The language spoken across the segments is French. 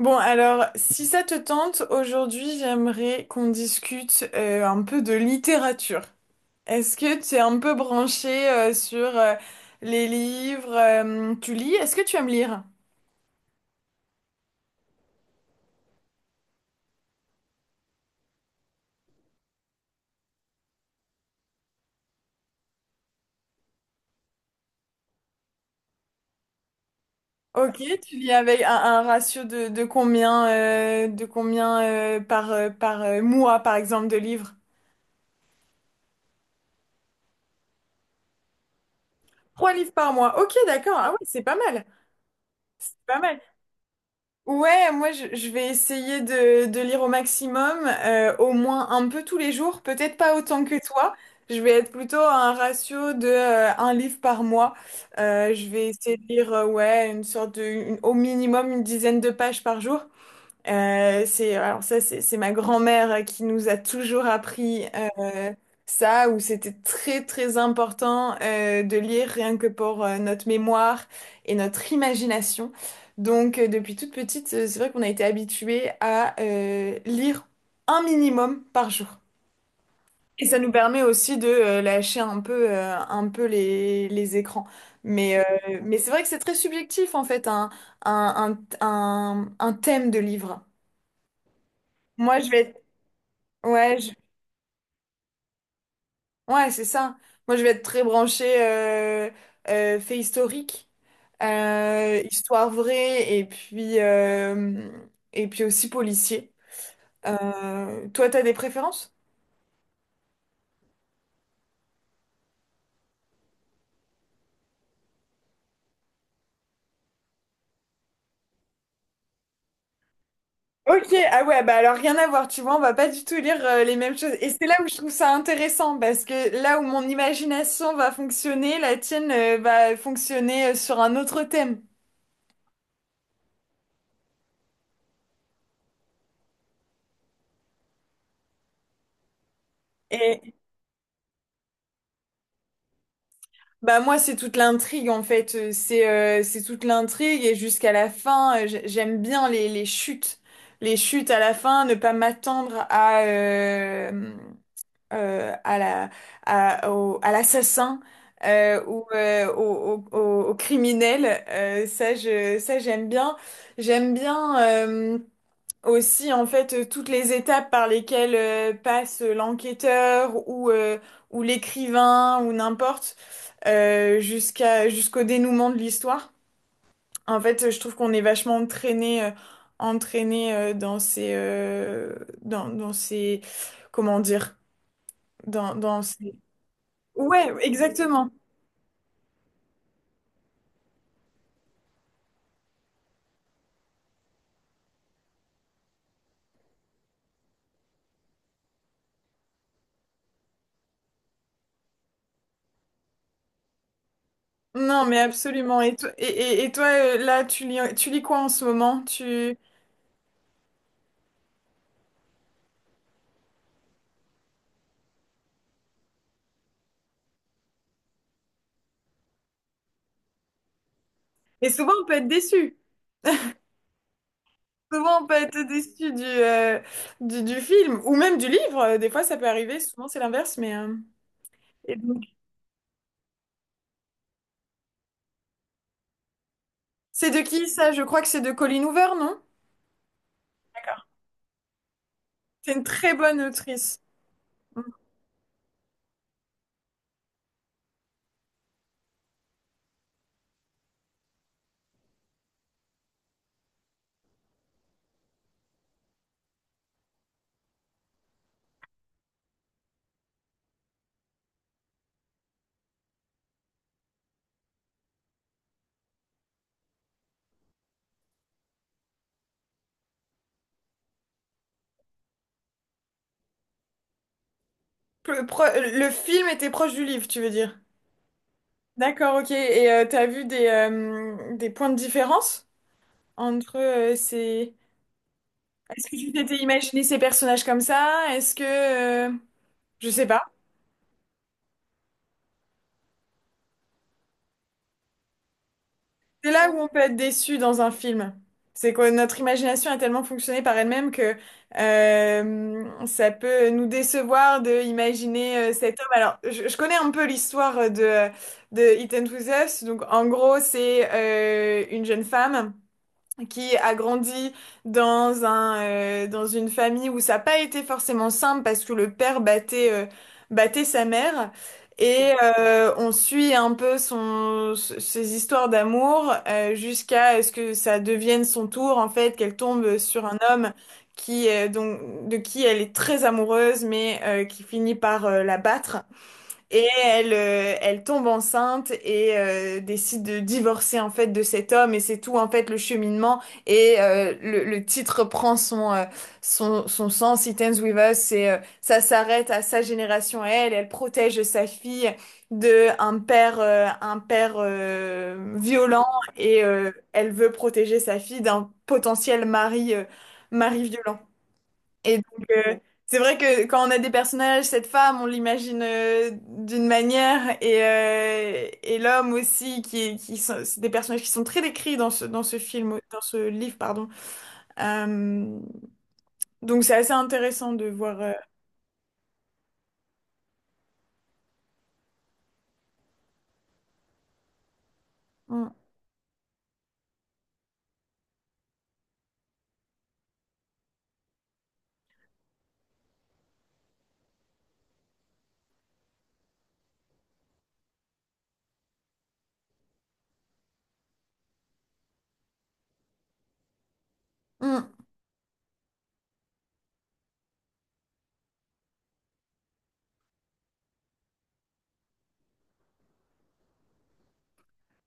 Bon, alors, si ça te tente, aujourd'hui, j'aimerais qu'on discute un peu de littérature. Est-ce que tu es un peu branché sur les livres tu lis? Est-ce que tu aimes lire? Ok, tu lis avec un ratio de combien par, par mois, par exemple, de livres? Trois livres par mois. Ok, d'accord. Ah oui, c'est pas mal. Pas mal. Ouais, moi je vais essayer de lire au maximum, au moins un peu tous les jours, peut-être pas autant que toi. Je vais être plutôt à un ratio de un livre par mois. Je vais essayer de lire ouais une sorte de une- au minimum une dizaine de pages par jour. Alors ça, c'est ma grand-mère qui nous a toujours appris euh, ça, où c'était très très important de lire rien que pour notre mémoire et notre imagination. Depuis toute petite, c'est vrai qu'on a été habitué à lire un minimum par jour. Et ça nous permet aussi de lâcher un peu les écrans. Mais c'est vrai que c'est très subjectif en fait, un thème de livre. Moi, je vais être Ouais, je- Ouais, c'est ça. Moi, je vais être très branchée fait historique, histoire vraie, et puis aussi policier. Toi, t'as des préférences? Ok, ah ouais, bah alors rien à voir, tu vois, on va pas du tout lire les mêmes choses. Et c'est là où je trouve ça intéressant, parce que là où mon imagination va fonctionner, la tienne va fonctionner sur un autre thème. Bah moi c'est toute l'intrigue en fait. C'est toute l'intrigue et jusqu'à la fin. J'aime bien les chutes à la fin, ne pas m'attendre euh, à la à l'assassin ou au, au, au- au criminel. Ça j'aime bien, j'aime bien. Aussi en fait toutes les étapes par lesquelles passe l'enquêteur ou l'écrivain ou n'importe jusqu'au dénouement de l'histoire. En fait, je trouve qu'on est vachement entraîné dans ces dans dans ces comment dire dans dans ces ouais exactement. Non, mais absolument. Et toi, là, tu lis quoi en ce moment? Tu et souvent on peut être déçu. Souvent, on peut être déçu du film ou même du livre. Des fois, ça peut arriver. Souvent, c'est l'inverse. Et donc, c'est de qui ça? Je crois que c'est de Colleen Hoover, non? C'est une très bonne autrice. Mm. Le film était proche du livre, tu veux dire? D'accord, ok. Et t'as vu des points de différence entre ces... Est-ce que tu t'étais imaginé ces personnages comme ça? Je sais pas. C'est là où on peut être déçu dans un film. C'est que notre imagination a tellement fonctionné par elle-même que ça peut nous décevoir de imaginer cet homme. Alors, je connais un peu l'histoire de Ethan Ends With Us. Donc, en gros, c'est une jeune femme qui a grandi dans dans une famille où ça n'a pas été forcément simple parce que le père battait sa mère. On suit un peu son, ses histoires d'amour jusqu'à ce que ça devienne son tour, en fait, qu'elle tombe sur un homme de qui elle est très amoureuse, qui finit par la battre. Elle tombe enceinte et décide de divorcer en fait de cet homme et c'est tout en fait le cheminement le titre prend son sens, It Ends With Us et ça s'arrête à sa génération à elle, elle protège sa fille de un père violent et elle veut protéger sa fille d'un potentiel mari, mari violent. Et donc, euh, c'est vrai que quand on a des personnages, cette femme, on l'imagine d'une manière, et l'homme aussi, qui sont, c'est des personnages qui sont très décrits dans ce film, dans ce livre, pardon. Euh, donc, c'est assez intéressant de voir. Hum, hum.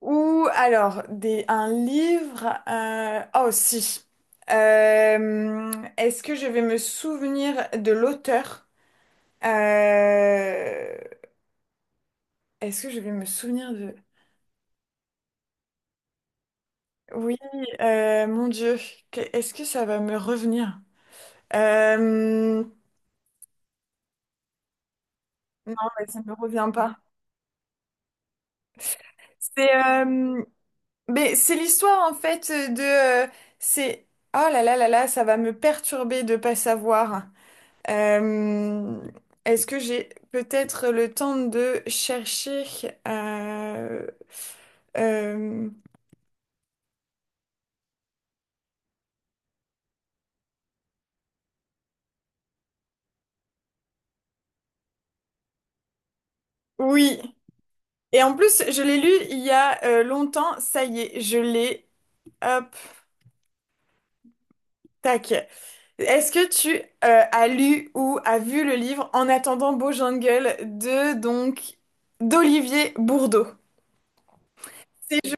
Ou alors, des, un livre. Oh, si. Euh, Est-ce que je vais me souvenir de l'auteur? Euh, Est-ce que je vais me souvenir de... Oui, mon Dieu, est-ce que ça va me revenir? Euh, non, mais ça ne me revient pas. C'est mais c'est l'histoire en fait de c'est oh là là là là, ça va me perturber de pas savoir. Euh, Est-ce que j'ai peut-être le temps de chercher euh, euh, oui. Et en plus, je l'ai lu il y a longtemps. Ça y est, je l'ai. Hop, tac. Est-ce que tu as lu ou as vu le livre En attendant Beau Jungle de d'Olivier Bourdeau? C'est je,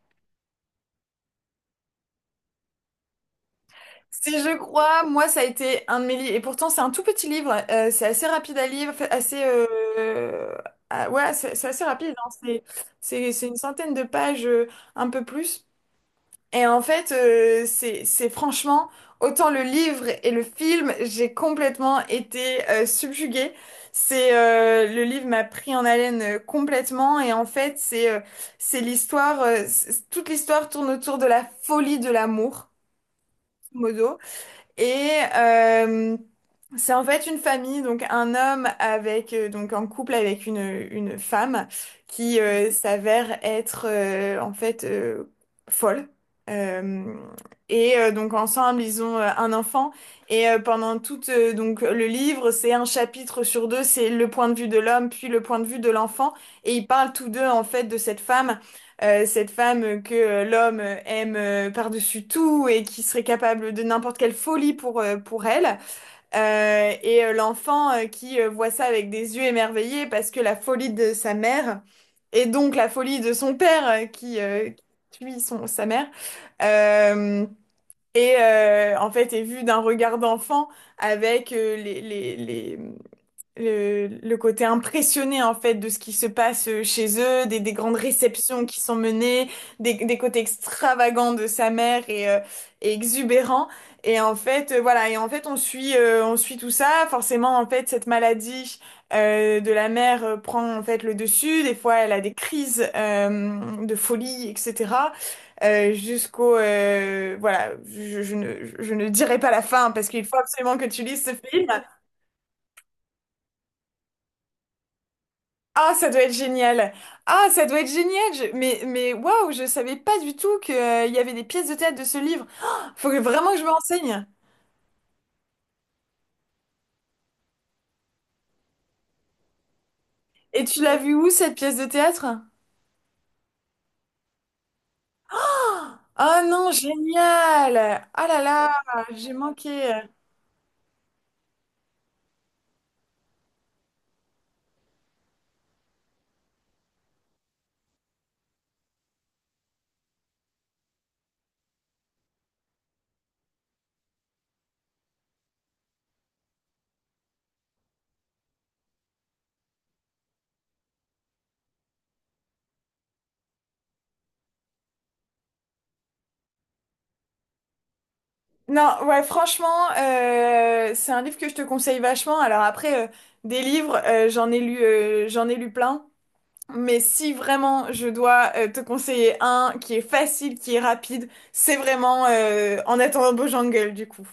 je crois, moi ça a été un de mes livres. Et pourtant c'est un tout petit livre, c'est assez rapide à lire, assez ah, ouais, c'est assez rapide, hein. C'est une centaine de pages, un peu plus. Et en fait, c'est franchement, autant le livre et le film, j'ai complètement été subjuguée. C'est Le livre m'a pris en haleine complètement et en fait, c'est l'histoire, toute l'histoire tourne autour de la folie de l'amour, modo. Et euh, c'est en fait une famille, donc un homme avec donc en couple avec une femme qui s'avère être en fait folle. Euh, donc ensemble ils ont un enfant et pendant tout donc le livre c'est un chapitre sur deux, c'est le point de vue de l'homme puis le point de vue de l'enfant et ils parlent tous deux en fait de cette femme, cette femme que l'homme aime par-dessus tout et qui serait capable de n'importe quelle folie pour elle, l'enfant qui voit ça avec des yeux émerveillés parce que la folie de sa mère, et donc la folie de son père qui tue sa mère, euh, en fait est vue d'un regard d'enfant avec le côté impressionné en fait de ce qui se passe chez eux, des grandes réceptions qui sont menées, des côtés extravagants de sa mère et exubérants. Et en fait, voilà, et en fait on suit tout ça. Forcément, en fait, cette maladie de la mère prend en fait le dessus. Des fois, elle a des crises de folie, etc. Jusqu'au Voilà, je ne dirai pas la fin parce qu'il faut absolument que tu lises ce film. Ah, ça doit être génial. Ah, ça doit être génial. Mais waouh, je savais pas du tout qu'il y avait des pièces de théâtre de ce livre. Oh, vraiment que je me renseigne. Et tu l'as vu où cette pièce de théâtre? Oh non, génial. Ah là là, j'ai manqué. Non, ouais, franchement, c'est un livre que je te conseille vachement. Alors après, des livres, j'en ai lu plein. Mais si vraiment je dois te conseiller un qui est facile, qui est rapide, c'est vraiment En attendant Jungle du coup.